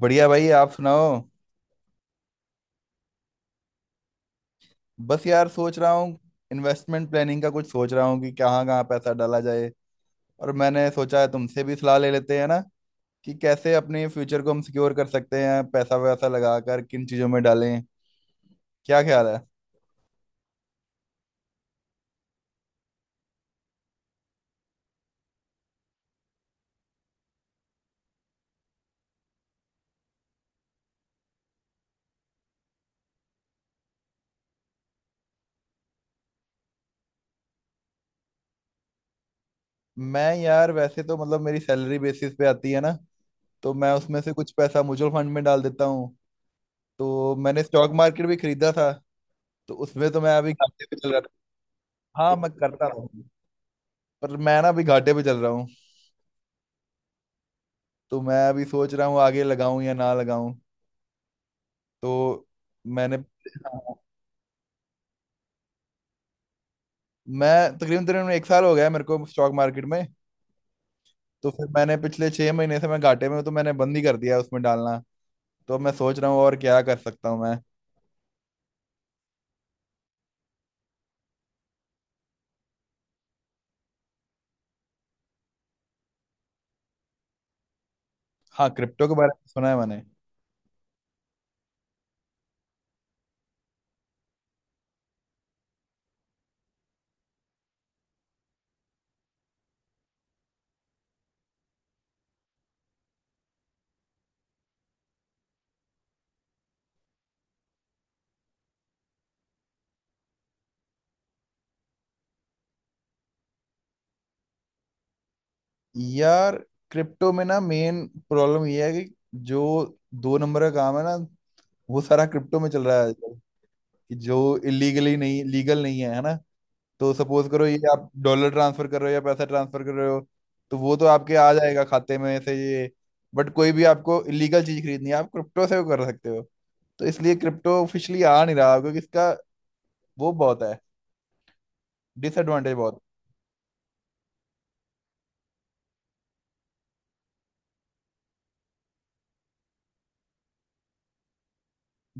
बढ़िया भाई, आप सुनाओ। बस यार, सोच रहा हूँ। इन्वेस्टमेंट प्लानिंग का कुछ सोच रहा हूँ कि कहाँ कहाँ पैसा डाला जाए। और मैंने सोचा है तुमसे भी सलाह ले लेते हैं ना कि कैसे अपने फ्यूचर को हम सिक्योर कर सकते हैं, पैसा वैसा लगा कर किन चीज़ों में डालें। क्या ख्याल है? मैं यार वैसे तो मतलब मेरी सैलरी बेसिस पे आती है ना, तो मैं उसमें से कुछ पैसा म्यूचुअल फंड में डाल देता हूँ। तो मैंने स्टॉक मार्केट भी खरीदा था, तो उसमें तो मैं अभी घाटे पे चल रहा था। हाँ, मैं करता हूँ। पर मैं ना अभी घाटे पे चल रहा हूँ। तो मैं अभी सोच रहा हूँ आगे लगाऊं या ना लगाऊं। तो मैंने, हाँ। मैं तकरीबन तकरीबन एक साल हो गया है मेरे को स्टॉक मार्केट में। तो फिर मैंने पिछले 6 महीने से मैं घाटे में हूँ, तो मैंने बंद ही कर दिया है उसमें डालना। तो अब मैं सोच रहा हूँ और क्या कर सकता हूँ मैं। हाँ, क्रिप्टो के बारे में सुना है मैंने। यार, क्रिप्टो में ना मेन प्रॉब्लम ये है कि जो दो नंबर का काम है ना, वो सारा क्रिप्टो में चल रहा है आजकल। कि जो इलीगली नहीं, लीगल नहीं है, है ना। तो सपोज करो ये, आप डॉलर ट्रांसफर कर रहे हो या पैसा ट्रांसफर कर रहे हो, तो वो तो आपके आ जाएगा खाते में से ये। बट कोई भी आपको इलीगल चीज खरीदनी है, आप क्रिप्टो से वो कर सकते हो। तो इसलिए क्रिप्टो ऑफिशियली आ नहीं रहा क्योंकि इसका वो बहुत है, डिसएडवांटेज बहुत।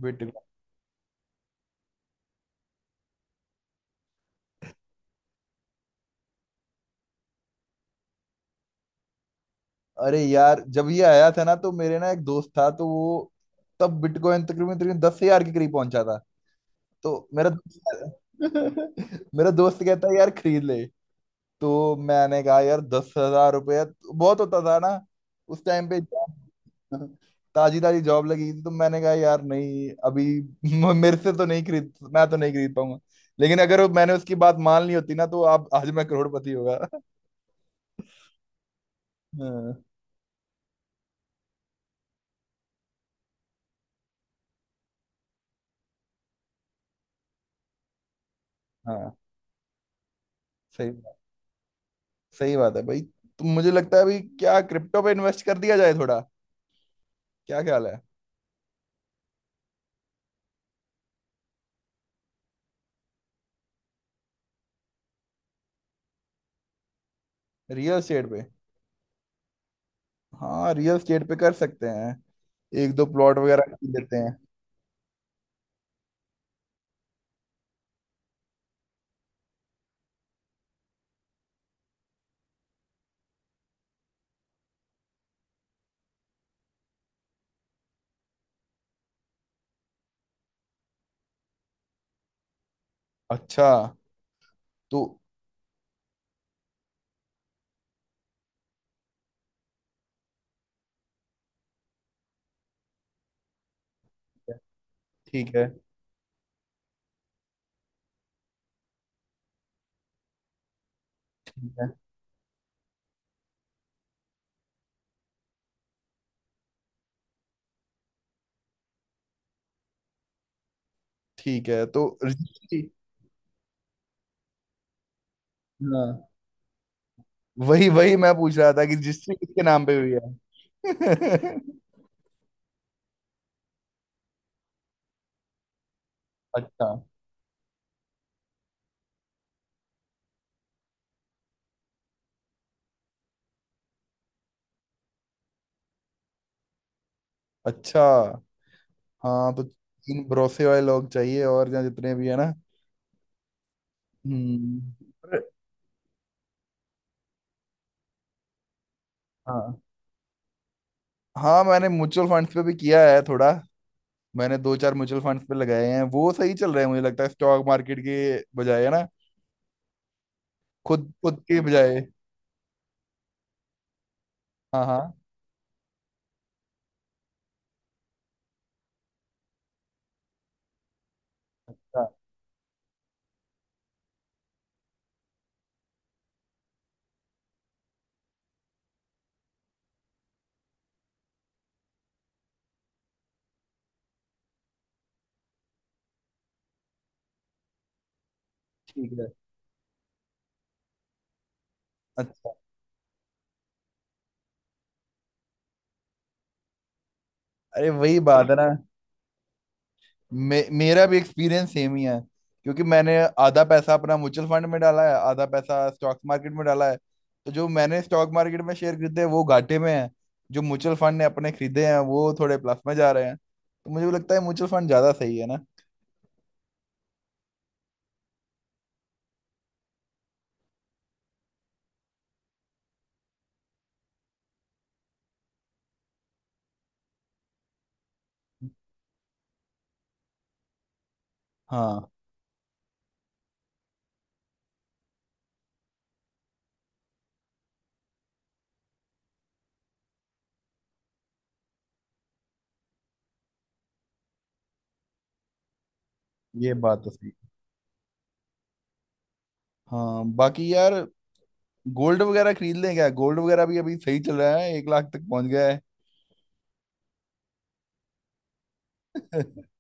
बिटकॉइन। अरे यार, जब ये आया था ना, तो मेरे ना एक दोस्त था, तो वो तब बिटकॉइन तकरीबन तकरीबन 10,000 के करीब पहुंचा था, तो मेरा मेरा दोस्त कहता है यार खरीद ले। तो मैंने कहा यार 10,000 रुपया तो बहुत होता था ना उस टाइम पे। ताजी ताजी जॉब लगी थी, तो मैंने कहा यार नहीं अभी मेरे से तो नहीं खरीद, मैं तो नहीं खरीद पाऊंगा। लेकिन अगर मैंने उसकी बात मान ली होती ना तो आप आज मैं करोड़पति होगा। हाँ। हाँ, सही बात। सही बात है भाई। तो मुझे लगता है अभी क्या क्रिप्टो पे इन्वेस्ट कर दिया जाए थोड़ा। क्या ख्याल है? रियल स्टेट पे। हाँ, रियल स्टेट पे कर सकते हैं। एक दो प्लॉट वगैरह खरीद लेते हैं। अच्छा। तो ठीक है। ठीक है, तो रजिस्ट्री। हाँ, वही वही मैं पूछ रहा था कि रजिस्ट्री किसके नाम पे हुई है। अच्छा। अच्छा, हाँ, तो तीन भरोसे वाले लोग चाहिए और जहाँ जितने भी है ना। हम्म। अरे, हाँ। हाँ, मैंने म्यूचुअल फंड्स पे भी किया है थोड़ा। मैंने दो चार म्यूचुअल फंड्स पे लगाए हैं, वो सही चल रहे हैं। मुझे लगता है स्टॉक मार्केट के बजाय, है ना, खुद खुद के बजाय। हाँ हाँ हाँ, ठीक है। अच्छा। अरे, वही बात है ना। मेरा भी एक्सपीरियंस सेम ही है। क्योंकि मैंने आधा पैसा अपना म्यूचुअल फंड में डाला है, आधा पैसा स्टॉक मार्केट में डाला है। तो जो मैंने स्टॉक मार्केट में शेयर खरीदे हैं, वो घाटे में है। जो म्यूचुअल फंड ने अपने खरीदे हैं वो थोड़े प्लस में जा रहे हैं, तो मुझे भी लगता है म्यूचुअल फंड ज्यादा सही है ना। हाँ, ये बात तो सही है। हाँ, बाकी यार गोल्ड वगैरह खरीद लें क्या? गोल्ड वगैरह भी अभी सही चल रहा है, 1 लाख तक पहुंच गया है।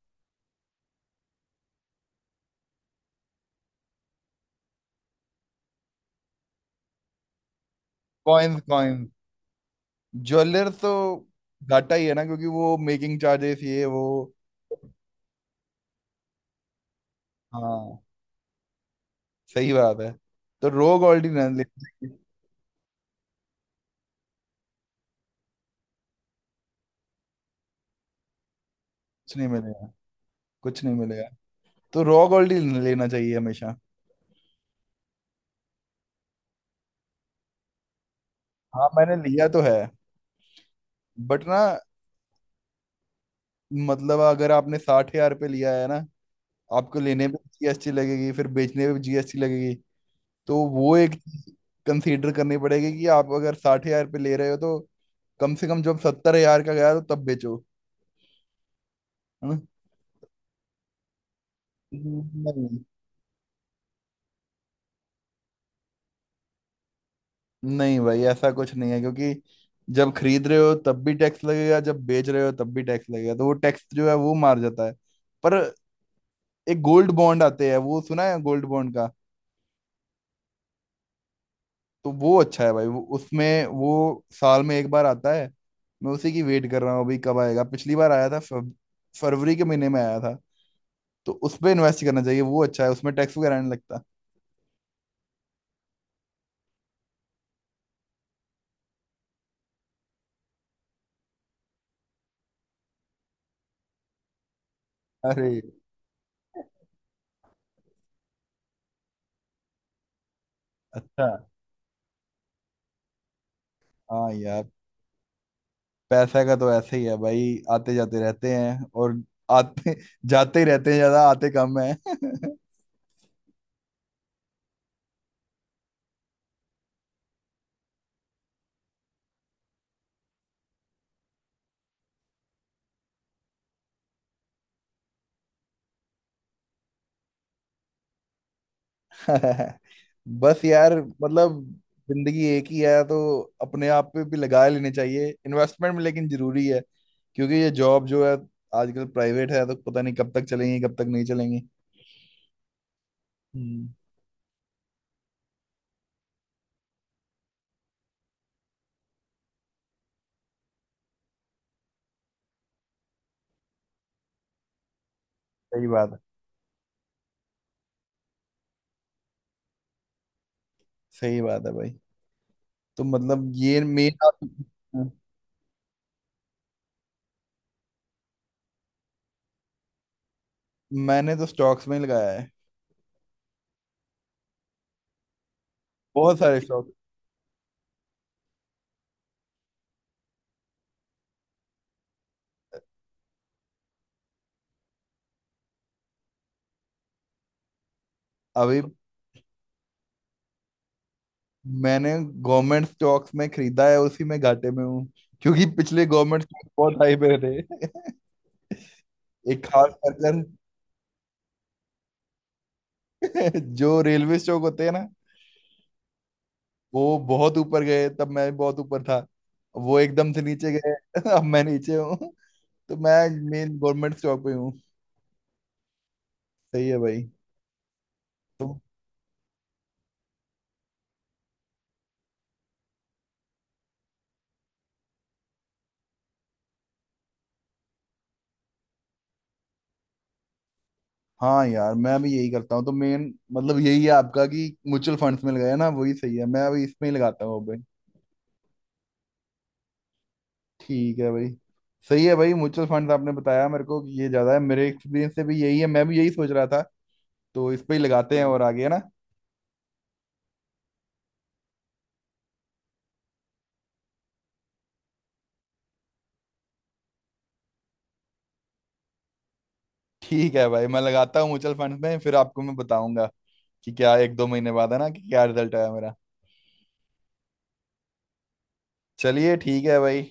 Coins, coins. ज्वेलर तो घाटा ही है ना, क्योंकि वो मेकिंग चार्जेस ये वो। हाँ, सही बात है। तो रॉ गोल्ड ही ना लेना चाहिए। कुछ नहीं मिलेगा। कुछ नहीं मिलेगा। तो रॉ गोल्ड ही लेना चाहिए हमेशा। हाँ, मैंने लिया तो है, बट ना। मतलब अगर आपने 60,000 पे लिया है ना, आपको लेने पे जीएसटी लगेगी, फिर बेचने पे भी जीएसटी लगेगी। तो वो एक चीज कंसीडर करनी पड़ेगी कि आप अगर 60,000 पे ले रहे हो तो कम से कम जब 70,000 का गया तो तब बेचो। है ना। नहीं, नहीं भाई, ऐसा कुछ नहीं है। क्योंकि जब खरीद रहे हो तब भी टैक्स लगेगा, जब बेच रहे हो तब भी टैक्स लगेगा, तो वो टैक्स जो है वो मार जाता है। पर एक गोल्ड बॉन्ड आते हैं, वो सुना है गोल्ड बॉन्ड का। तो वो अच्छा है भाई वो, उसमें वो साल में एक बार आता है। मैं उसी की वेट कर रहा हूँ अभी कब आएगा। पिछली बार आया था फरवरी के महीने में आया था। तो उस पे इन्वेस्ट करना चाहिए, वो अच्छा है, उसमें टैक्स वगैरह नहीं लगता। अरे। अच्छा। हाँ यार, पैसे का तो ऐसे ही है भाई, आते जाते रहते हैं। और आते जाते ही रहते हैं, ज्यादा आते कम है। बस यार मतलब जिंदगी एक ही है, तो अपने आप पे भी लगा लेने चाहिए इन्वेस्टमेंट में, लेकिन जरूरी है। क्योंकि ये जॉब जो है आजकल प्राइवेट है, तो पता नहीं कब तक चलेंगी कब तक नहीं चलेंगी। हम्म। सही बात है। सही बात है भाई। तो मतलब ये मेन। मैंने तो स्टॉक्स में ही लगाया है। बहुत सारे स्टॉक। अभी मैंने गवर्नमेंट स्टॉक्स में खरीदा है, उसी में घाटे में हूँ। क्योंकि पिछले गवर्नमेंट स्टॉक बहुत हाई पे थे। एक खास कर। जो रेलवे स्टॉक होते हैं ना, वो बहुत ऊपर गए तब मैं बहुत ऊपर था। वो एकदम से नीचे गए। अब मैं नीचे हूँ। तो मैं मेन गवर्नमेंट स्टॉक पे हूँ। सही है भाई। तो हाँ यार, मैं भी यही करता हूँ। तो मेन मतलब यही है आपका कि म्यूचुअल फंड्स में लगाया ना वही सही है। मैं अभी इसमें ही लगाता हूँ। ठीक है भाई। सही है भाई, म्यूचुअल फंड आपने बताया मेरे को कि ये ज्यादा है, मेरे एक्सपीरियंस से भी यही है, मैं भी यही सोच रहा था। तो इस पे ही लगाते हैं। और आगे है ना। ठीक है भाई, मैं लगाता हूँ म्यूचुअल फंड में, फिर आपको मैं बताऊंगा कि क्या एक दो महीने बाद, है ना, कि क्या रिजल्ट आया मेरा। चलिए ठीक है भाई।